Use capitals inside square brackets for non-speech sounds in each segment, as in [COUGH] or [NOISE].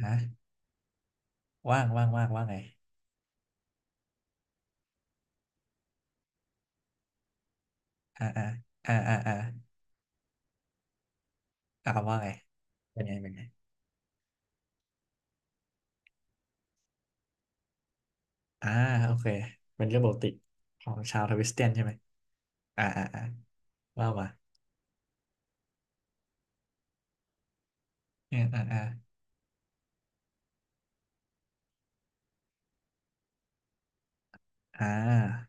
ฮะว่างว่างว่างว่างไงอ่าอ่าอ่าอ่าอ่าอ่าว่าไงเป็นไงเป็นไงอ่าโอเคเป็นเรื่องปกติของชาวทวิสเตียนใช่ไหมอ่าอ่าอ่าว่ามาเ่าอ่าอ่าอ่า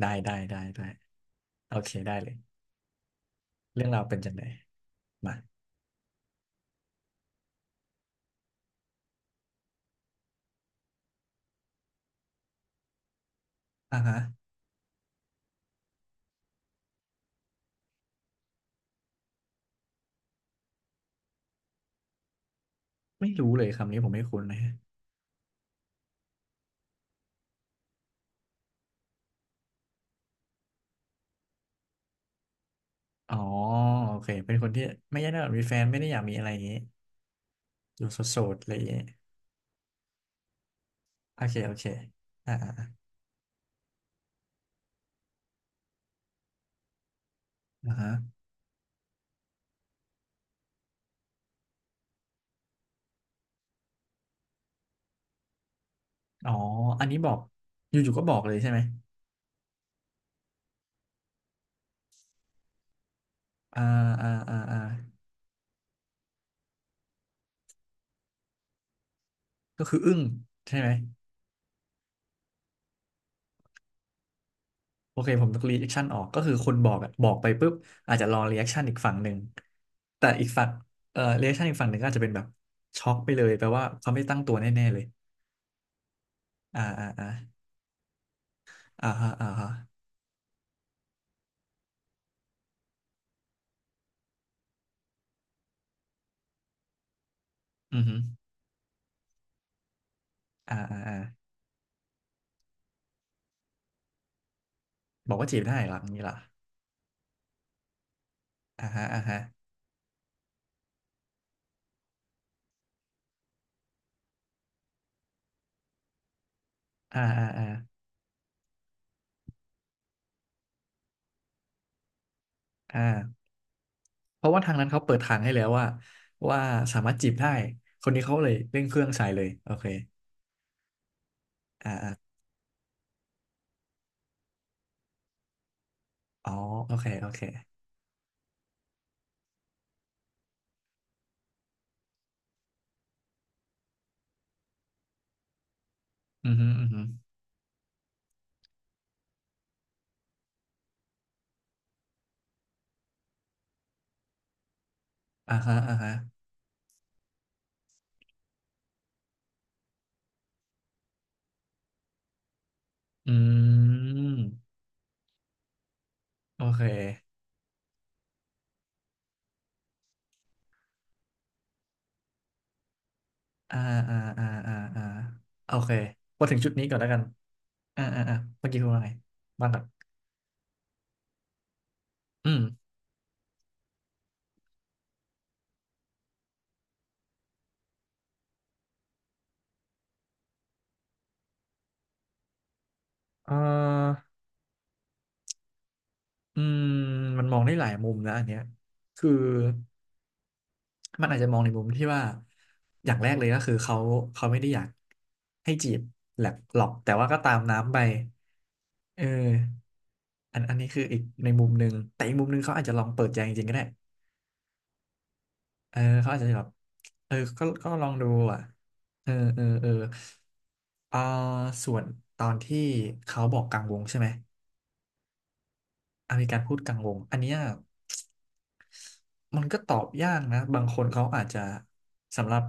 ได้ได้ได้ได้โอเคได้เลยเรื่องราวเป็นจังไดมาอ่าฮะไม่รู้เลยคำนี้ผมไม่คุ้นเลยอ๋อโอเคเป็นคนที่ไม่ได้มีแฟนไม่ได้อยากมีอะไรอย่างงี้อยู่โสดๆอะไรอย่างงี้โอเคโอเคอ่าอ่าอ่าอ่าฮะอ๋ออันนี้บอกอยู่ๆก็บอกเลยใช่ไหม อ่าอ่าอ่าอ่าก็คืออึ้งใช่ไหมโอเคผมต้องรีแอคชั่นออกก็คือคนบอกอะบอกไปปุ๊บอาจจะรอรีแอคชั่นอีกฝั่งหนึ่งแต่อีกฝั่งรีแอคชั่นอีกฝั่งหนึ่งก็อาจจะเป็นแบบช็อกไปเลยแปลว่าเขาไม่ตั้งตัวแน่ๆเลยอ่าอ่าอ่าอ่าฮะอ่าฮะอือฮึอ่าอ่าอ่าบอกว่าจีบได้เหรออย่างนี้เหรออ่าฮะอ่าฮะอ่าอ่าอ่าอ่าเพราะว่าทางนั้นเขาเปิดทางให้แล้วว่าว่าสามารถจีบได้คนนี้เขาเลยเร่งเครื่องใส่เลยโอเคอ๋อโอเคโอเคอือฮึอือฮึ อ่าฮะอ่าฮะอืมโอเคอ่าอ่าอ่าอ่าอ่าโอเคมาถึงจุดนี้ก่อนแล้วกันอ่าอ่าอ่าเมื่อกี้คุณว่าไงบ้างครับอืมเอ่ออืมมันมองได้หลายมุมนะอันเนี้ยคือมันอาจจะมองในมุมที่ว่าอย่างแรกเลยก็คือเขาไม่ได้อยากให้จีบแหลกหรอกแต่ว่าก็ตามน้ำไปเอออันนี้คืออีกในมุมหนึ่งแต่อีกมุมหนึ่งเขาอาจจะลองเปิดใจจริงๆก็ได้ เออเขาอาจจะแบบเออก็ลองดูอ่ะเออเออเอออ่าส่วนตอนที่เขาบอกกลางวงใช่ไหมอ่ะมีการพูดกลางวงอันเนี้ยมันก็ตอบยากนะบางคนเขาอาจจะสำหรับ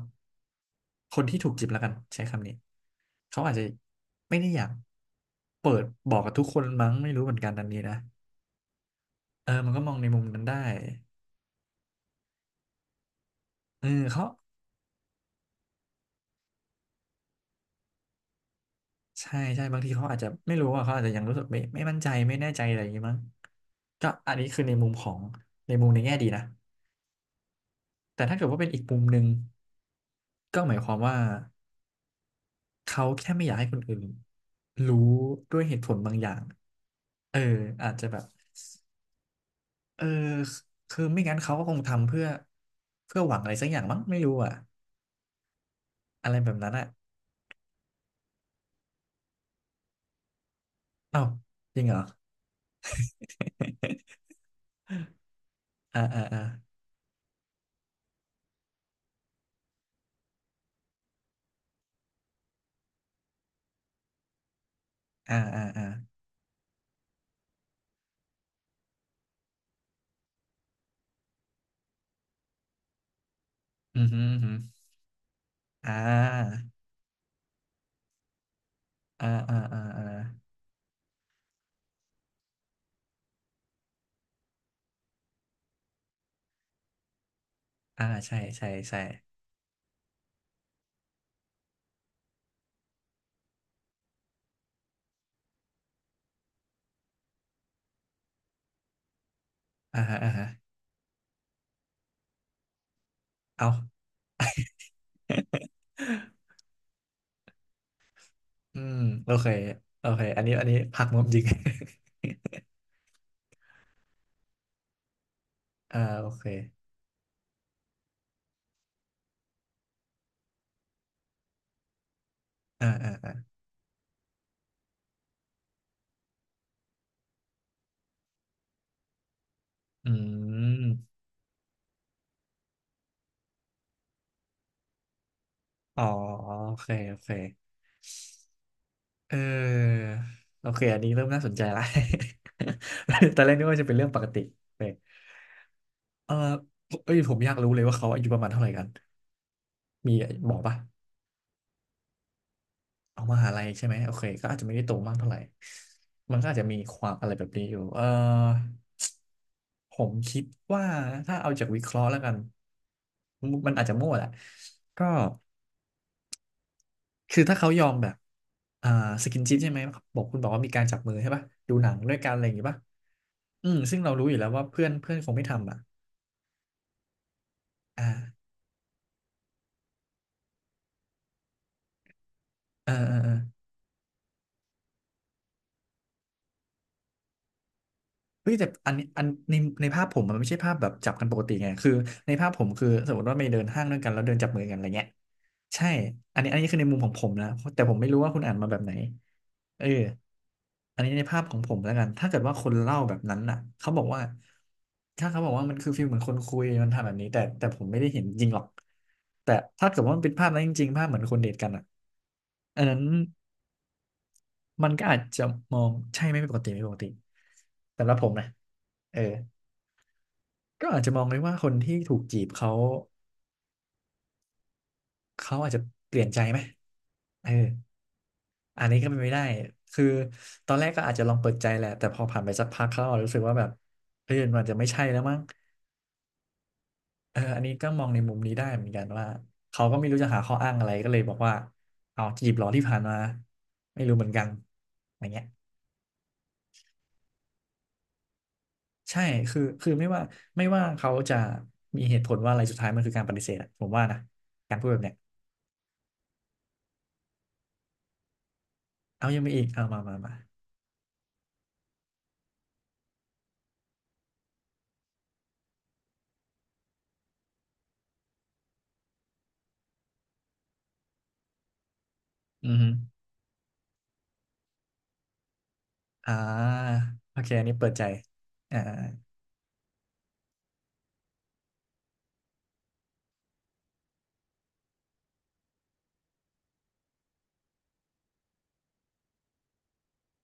คนที่ถูกจีบแล้วกันใช้คำนี้เขาอาจจะไม่ได้อยากเปิดบอกกับทุกคนมั้งไม่รู้เหมือนกันอันนี้นะเออมันก็มองในมุมนั้นได้เออเขา ใช่ใช่บางทีเขาอาจจะไม่รู้ว่าเขาอาจจะยังรู้สึกไม่มั่นใจไม่แน่ใจอะไรอย่างงี้มั้งก็อันนี้คือในมุมของในมุมในแง่ดีนะแต่ถ้าเกิดว่าเป็นอีกมุมหนึ่งก็หมายความว่าเขาแค่ไม่อยากให้คนอื่นรู้ด้วยเหตุผลบางอย่างเอออาจจะแบบเออคือไม่งั้นเขาก็คงทำเพื่อหวังอะไรสักอย่างมั้งไม่รู้อ่ะอะไรแบบนั้นอ่ะเอ้าจริงเหรออ่าอ่าอ่าอ่าอ่าอ่าอืมอหืออือหืออ่าอ่าอ่าอ่าอ่าใช่ใช่ใช่ อ่าฮะอ่าฮะเอา [LAUGHS] อืมโอเคโอเคอันนี้อันนี้ผักมุมจริง [LAUGHS] อ่าโอเคอ่าอ่าอ่าอืมอ๋อโอเคโอเคเออโอเคอันนี้เริ่มน่าสนใจละ [LAUGHS] ตอนแรกนึกว่าจะเป็นเรื่องปกติเออเออเอ้ยผมอยากรู้เลยว่าเขาอายุประมาณเท่าไหร่กันมีบอกปะเอามหาลัยใช่ไหมโอเคก็อาจจะไม่ได้โตมากเท่าไหร่มันก็อาจจะมีความอะไรแบบนี้อยู่เออ ผมคิดว่าถ้าเอาจากวิเคราะห์แล้วกันมันอาจจะมั่วแหละก็คือถ้าเขายอมแบบอ่าสกินชิปใช่ไหมบอกคุณบอกว่ามีการจับมือใช่ป่ะดูหนังด้วยกันอะไรอย่างงี้ป่ะอืมซึ่งเรารู้อยู่แล้วว่าเพื่อนเพื่อนคงไม่ทำอ่ะอ่าเออเออเออเฮ้ยแต่อันนี้อันในในภาพผมมันไม่ใช่ภาพแบบจับกันปกติไงคือในภาพผมคือสมมติว่าไปเดินห้างด้วยกันแล้วเดินจับมือกันอะไรเงี้ยใช่อันนี้อันนี้คือในมุมของผมนะแต่ผมไม่รู้ว่าคุณอ่านมาแบบไหน เอออันนี้ในภาพของผมแล้วกัน ถ้าเกิดว่าคนเล่าแบบนั้นน่ะเขาบอกว่าถ้าเขาบอกว่ามันคือฟีลเหมือนคนคุยมันทำแบบนี้แต่ผมไม่ได้เห็นจริงหรอกแต่ถ้าเกิดว่ามันเป็นภาพนั้นจริงๆภาพเหมือนคนเดทกันอ่ะอันนั้นมันก็อาจจะมองใช่ไม่ปกติไม่ปกติสำหรับผมนะเออก็อาจจะมองเลยว่าคนที่ถูกจีบเขาอาจจะเปลี่ยนใจไหมเออ อันนี้ก็เป็นไม่ได้ คือ ตอนแรกก็อาจจะลองเปิดใจแหละแต่พอผ่านไปสักพักเขาอาจรู้สึกว่าแบบเฮ้ยมันอาจจะไม่ใช่แล้วมั้งเอออันนี้ก็มองในมุมนี้ได้เหมือนกันว่าเขาก็ไม่รู้จะหาข้ออ้างอะไรก็เลยบอกว่าเอาจีบเหรอที่ผ่านมาไม่รู้เหมือนกันอย่างเงี้ยใช่คือไม่ว่าเขาจะมีเหตุผลว่าอะไรสุดท้ายมันคือการปฏิเสธอะผมว่านะการพูดแบบเนี้ยเอายังมีอีกเอามาอือฮึอ่าโอเคอันนี้เปิดใจอ่า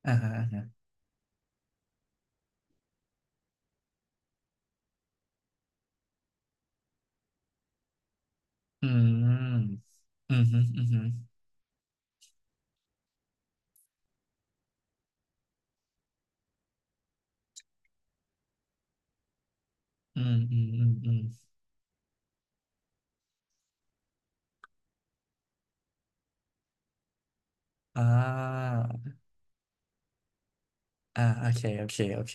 อ่าอ่า อืมอืมฮึอืมฮึอืมอืมอืมอืมอ่าอ่าโอเค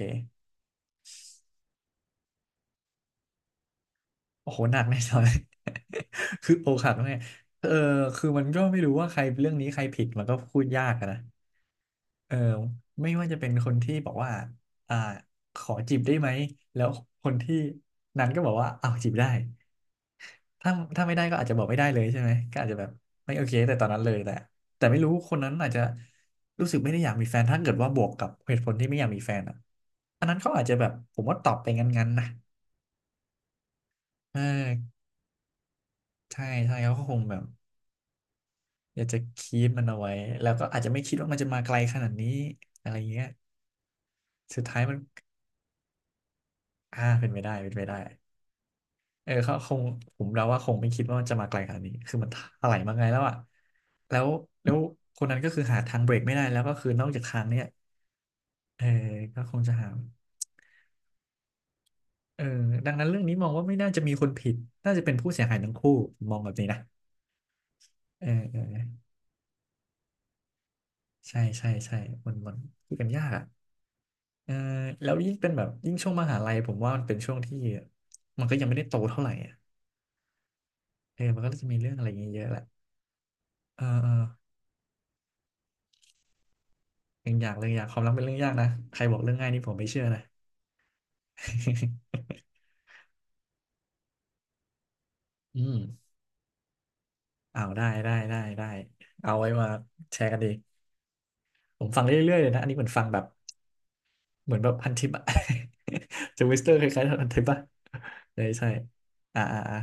โอ้โหหนักแน่นอน [LAUGHS] คือโอกหักเนี่ยเออคือมันก็ไม่รู้ว่าใครเรื่องนี้ใครผิดมันก็พูดยากอะนะเออไม่ว่าจะเป็นคนที่บอกว่าอ่าขอจีบได้ไหมแล้วคนที่นั้นก็บอกว่าเอาวจีบได้ ถ้าถ้าไม่ได้ก็อาจจะบอกไม่ได้เลยใช่ไหมก็อาจจะแบบไม่โอเคแต่ตอนนั้นเลยแต่ไม่รู้คนนั้นอาจจะรู้สึกไม่ได้อยากมีแฟนถ้าเกิดว่าบวกกับเหตุผลที่ไม่อยากมีแฟนอ่ะอันนั้นเขาอาจจะแบบผมว่าตอบไปงั้นๆนะเออใช่ใช่เขาก็คงแบบอยากจะคีปมันเอาไว้แล้วก็อาจจะไม่คิดว่ามันจะมาไกลขนาดนี้อะไรเงี้ยสุดท้ายมันอ่าเป็นไปได้ เออเขาคงผมเดาว่าคงไม่คิดว่ามันจะมาไกลขนาดนี้คือมันถลายมาไงแล้วอ่ะแล้วแล้วคนนั้นก็คือหาทางเบรกไม่ได้แล้วก็คือนอกจากทางเนี้ยเออก็คงจะหาเออดังนั้นเรื่องนี้มองว่าไม่น่าจะมีคนผิดน่าจะเป็นผู้เสียหายทั้งคู่มองแบบนี้นะเออเออใช่ใช่ใช่มันคุยกันยากอ่ะเออแล้วยิ่งเป็นแบบยิ่งช่วงมหาลัยผมว่ามันเป็นช่วงที่มันก็ยังไม่ได้โตเท่าไหร่อ่ะเออมันก็จะมีเรื่องอะไรอย่างเงี้ยเยอะแหละเออเอออย่างเลยอยากความรักเป็นเรื่องยากนะใครบอกเรื่องง่ายนี่ผมไม่เชื่อนะ [LAUGHS] อืมเอาได้ เอาไว้มาแชร์กันดี ผมฟังเรื่อยๆเลยนะ อันนี้เหมือนฟังแบบเหมือนแบบพันทิปอะ [LAUGHS] จะวิสเตอร์คล้ายๆพันทิปอะใช่ใช่อ่าอ่าอ่า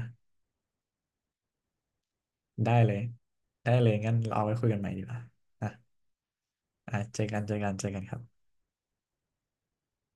ได้เลยงั้นเราเอาไว้คุยกันใหม่ดีกว่า อ่ะอ่ะเจอกันเจอกันครับ